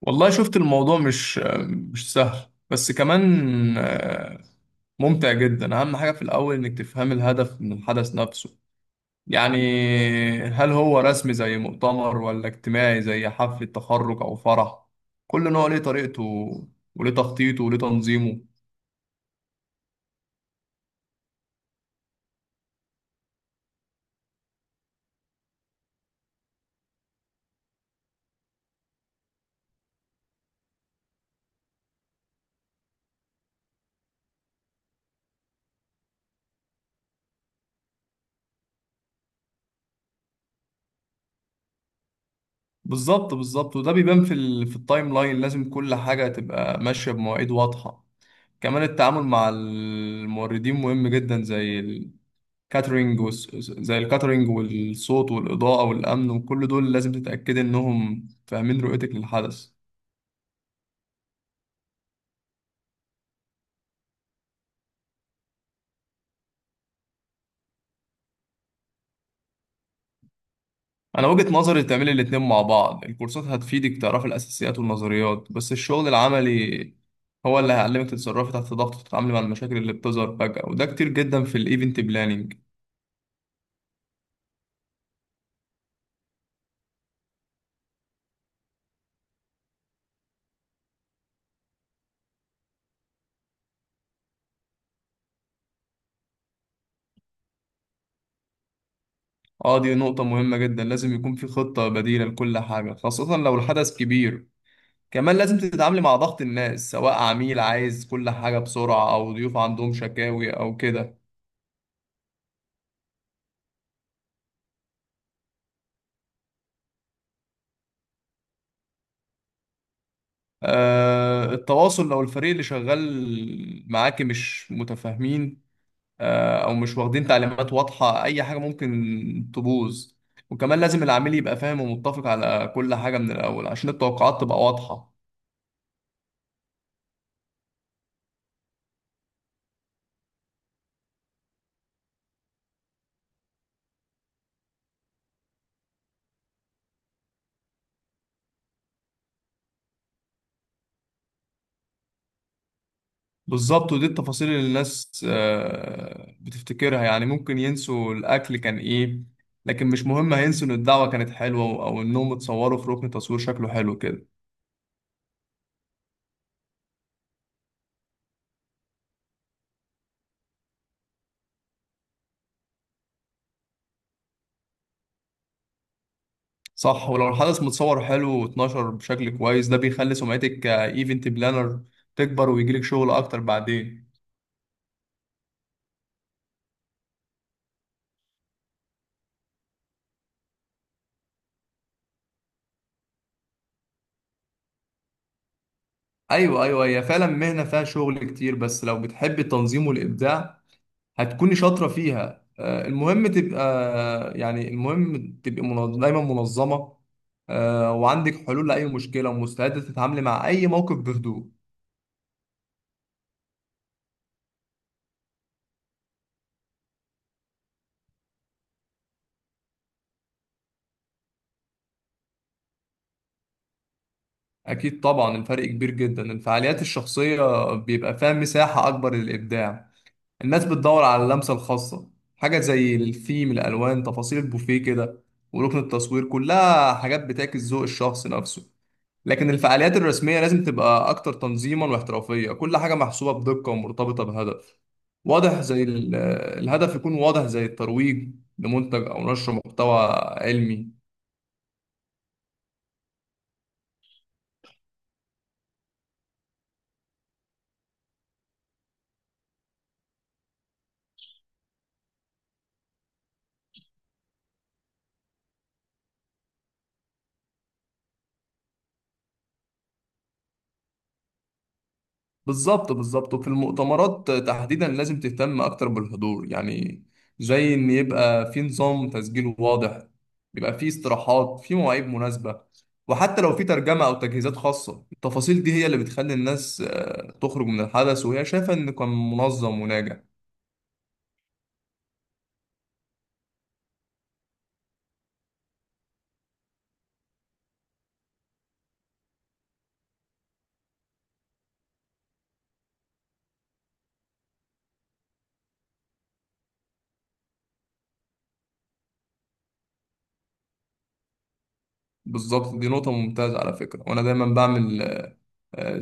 والله شفت الموضوع مش سهل، بس كمان آه، ممتع جدا. اهم حاجة في الاول انك تفهم الهدف من الحدث نفسه، يعني هل هو رسمي زي مؤتمر ولا اجتماعي زي حفلة تخرج او فرح؟ كل نوع ليه طريقته وليه تخطيطه وليه تنظيمه. بالظبط وده بيبان في في التايم لاين. لازم كل حاجة تبقى ماشية بمواعيد واضحة. كمان التعامل مع الموردين مهم جدا، زي كاترينج زي الكاترينج والصوت والإضاءة والأمن، وكل دول لازم تتأكدي إنهم فاهمين رؤيتك للحدث. أنا وجهة نظري تعملي الاتنين مع بعض، الكورسات هتفيدك تعرفي الأساسيات والنظريات، بس الشغل العملي هو اللي هيعلمك تتصرفي تحت ضغط وتتعاملي مع المشاكل اللي بتظهر فجأة، وده كتير جدا في الإيفنت بلانينج. اه، دي نقطة مهمة جدا، لازم يكون في خطة بديلة لكل حاجة، خاصة لو الحدث كبير. كمان لازم تتعاملي مع ضغط الناس، سواء عميل عايز كل حاجة بسرعة أو ضيوف عندهم شكاوي أو كده. التواصل، لو الفريق اللي شغال معاكي مش متفاهمين، أو مش واخدين تعليمات واضحة، أي حاجة ممكن تبوظ. وكمان لازم العميل يبقى فاهم ومتفق على كل حاجة من الأول، عشان التوقعات تبقى واضحة. بالظبط، ودي التفاصيل اللي الناس بتفتكرها، يعني ممكن ينسوا الأكل كان إيه، لكن مش مهم، هينسوا إن الدعوة كانت حلوة أو إنهم اتصوروا في ركن تصوير شكله حلو كده. صح، ولو الحدث متصور حلو واتنشر بشكل كويس، ده بيخلي سمعتك كإيفنت بلانر تكبر ويجيلك شغل أكتر بعدين. أيوة، هي فعلا مهنة فيها شغل كتير، بس لو بتحب التنظيم والإبداع هتكوني شاطرة فيها. المهم تبقى، دايما منظمة، وعندك حلول لأي مشكلة، ومستعدة تتعاملي مع أي موقف بهدوء. أكيد طبعا، الفرق كبير جدا. الفعاليات الشخصية بيبقى فيها مساحة أكبر للإبداع، الناس بتدور على اللمسة الخاصة، حاجة زي الثيم، الألوان، تفاصيل البوفيه كده، وركن التصوير، كلها حاجات بتعكس ذوق الشخص نفسه. لكن الفعاليات الرسمية لازم تبقى أكتر تنظيما واحترافية، كل حاجة محسوبة بدقة ومرتبطة بهدف واضح، الهدف يكون واضح زي الترويج لمنتج أو نشر محتوى علمي. بالظبط، وفي المؤتمرات تحديدا لازم تهتم أكتر بالحضور، يعني زي إن يبقى في نظام تسجيل واضح، يبقى في استراحات في مواعيد مناسبة، وحتى لو في ترجمة أو تجهيزات خاصة، التفاصيل دي هي اللي بتخلي الناس تخرج من الحدث وهي شايفة إن كان منظم وناجح. بالظبط، دي نقطة ممتازة على فكرة، وأنا دايما بعمل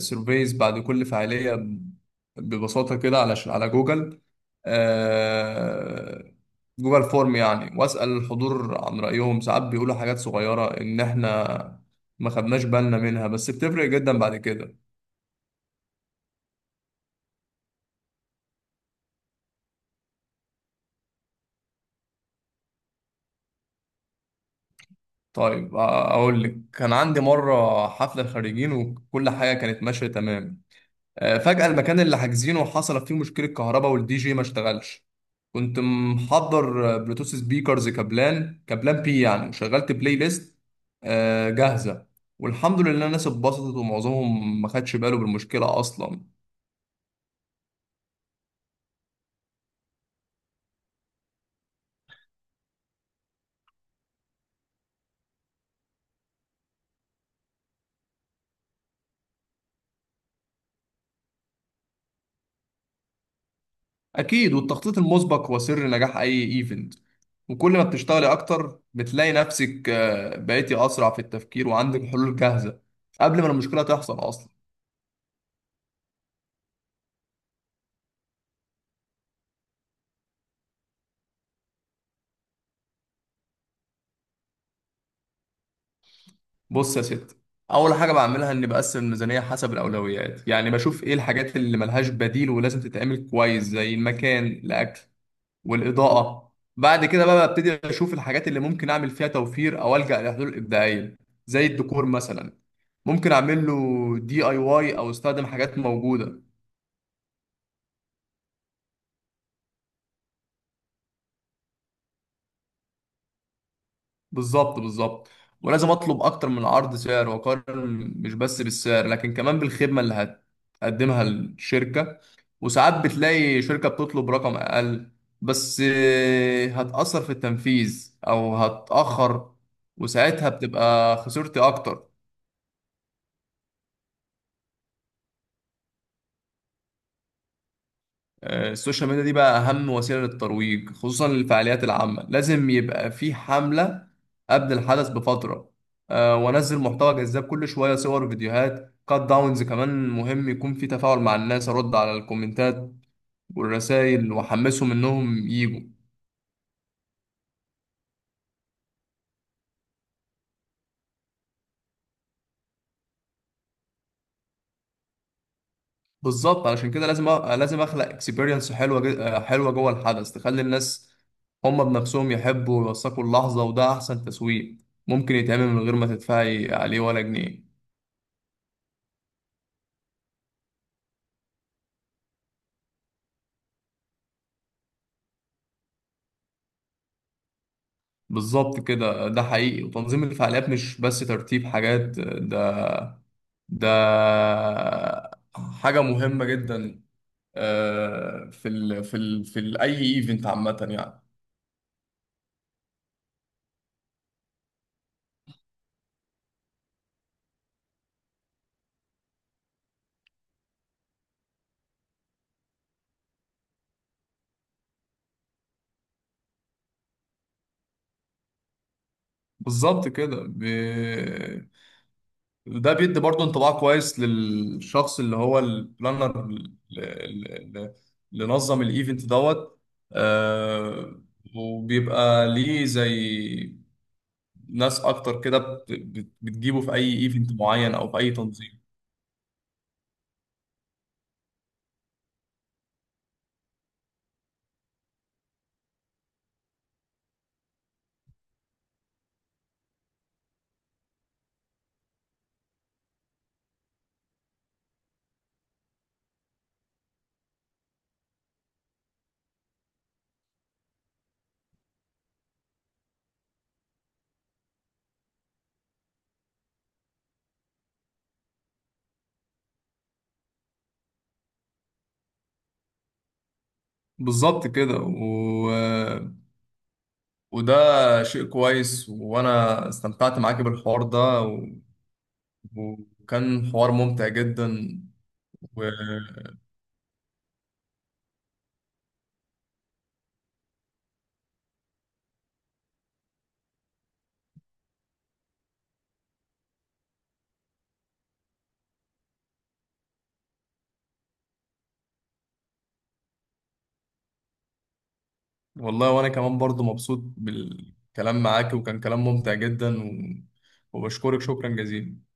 سيرفيز بعد كل فعالية، ببساطة كده، على على جوجل، آه، جوجل فورم يعني، وأسأل الحضور عن رأيهم. ساعات بيقولوا حاجات صغيرة إن إحنا ما خدناش بالنا منها، بس بتفرق جدا بعد كده. طيب، أقول لك، كان عندي مرة حفلة خريجين وكل حاجة كانت ماشية تمام، فجأة المكان اللي حاجزينه حصلت فيه مشكلة كهرباء والدي جي ما اشتغلش. كنت محضر بلوتوث سبيكرز، كابلان بي يعني، وشغلت بلاي ليست جاهزة، والحمد لله الناس اتبسطت ومعظمهم ما خدش باله بالمشكلة أصلا. أكيد، والتخطيط المسبق هو سر نجاح أي إيفنت. وكل ما بتشتغلي أكتر بتلاقي نفسك بقيتي أسرع في التفكير وعندك حلول جاهزة قبل ما المشكلة تحصل أصلا. بص يا ست، اول حاجه بعملها اني بقسم الميزانيه حسب الاولويات، يعني بشوف ايه الحاجات اللي ملهاش بديل ولازم تتعمل كويس، زي المكان، الاكل، والاضاءه. بعد كده بقى ببتدي اشوف الحاجات اللي ممكن اعمل فيها توفير او الجا لحلول ابداعيه، زي الديكور مثلا، ممكن اعمل له دي اي واي او استخدم حاجات موجوده. بالظبط، ولازم اطلب اكتر من عرض سعر واقارن، مش بس بالسعر لكن كمان بالخدمه اللي هتقدمها الشركه. وساعات بتلاقي شركه بتطلب رقم اقل، بس هتاثر في التنفيذ او هتاخر، وساعتها بتبقى خسرتي اكتر. السوشيال ميديا دي بقى أهم وسيلة للترويج، خصوصا للفعاليات العامة. لازم يبقى في حملة قبل الحدث بفترة، وأنزل محتوى جذاب كل شوية، صور وفيديوهات كات داونز. كمان مهم يكون في تفاعل مع الناس، أرد على الكومنتات والرسائل وأحمسهم إنهم يجوا. بالظبط، علشان كده لازم أخلق اكسبيرينس حلوة، حلوة جوه الحدث، تخلي الناس هما بنفسهم يحبوا ويوثقوا اللحظة، وده أحسن تسويق ممكن يتعمل من غير ما تدفعي عليه ولا جنيه. بالظبط كده، ده حقيقي. وتنظيم الفعاليات مش بس ترتيب حاجات، ده حاجة مهمة جدا في ال في ال في ال أي ايفنت عامة يعني. بالظبط كده. ده بيدي برضه انطباع كويس للشخص اللي هو البلانر اللي نظم الايفنت دوت. آه، وبيبقى ليه زي ناس اكتر كده بتجيبه في اي ايفنت معين او في اي تنظيم. بالظبط كده. وده شيء كويس، وانا استمتعت معاك بالحوار ده وكان حوار ممتع جدا و... والله وانا كمان برضو مبسوط بالكلام معاك، وكان كلام ممتع جدا وبشكرك شكرا جزيلا.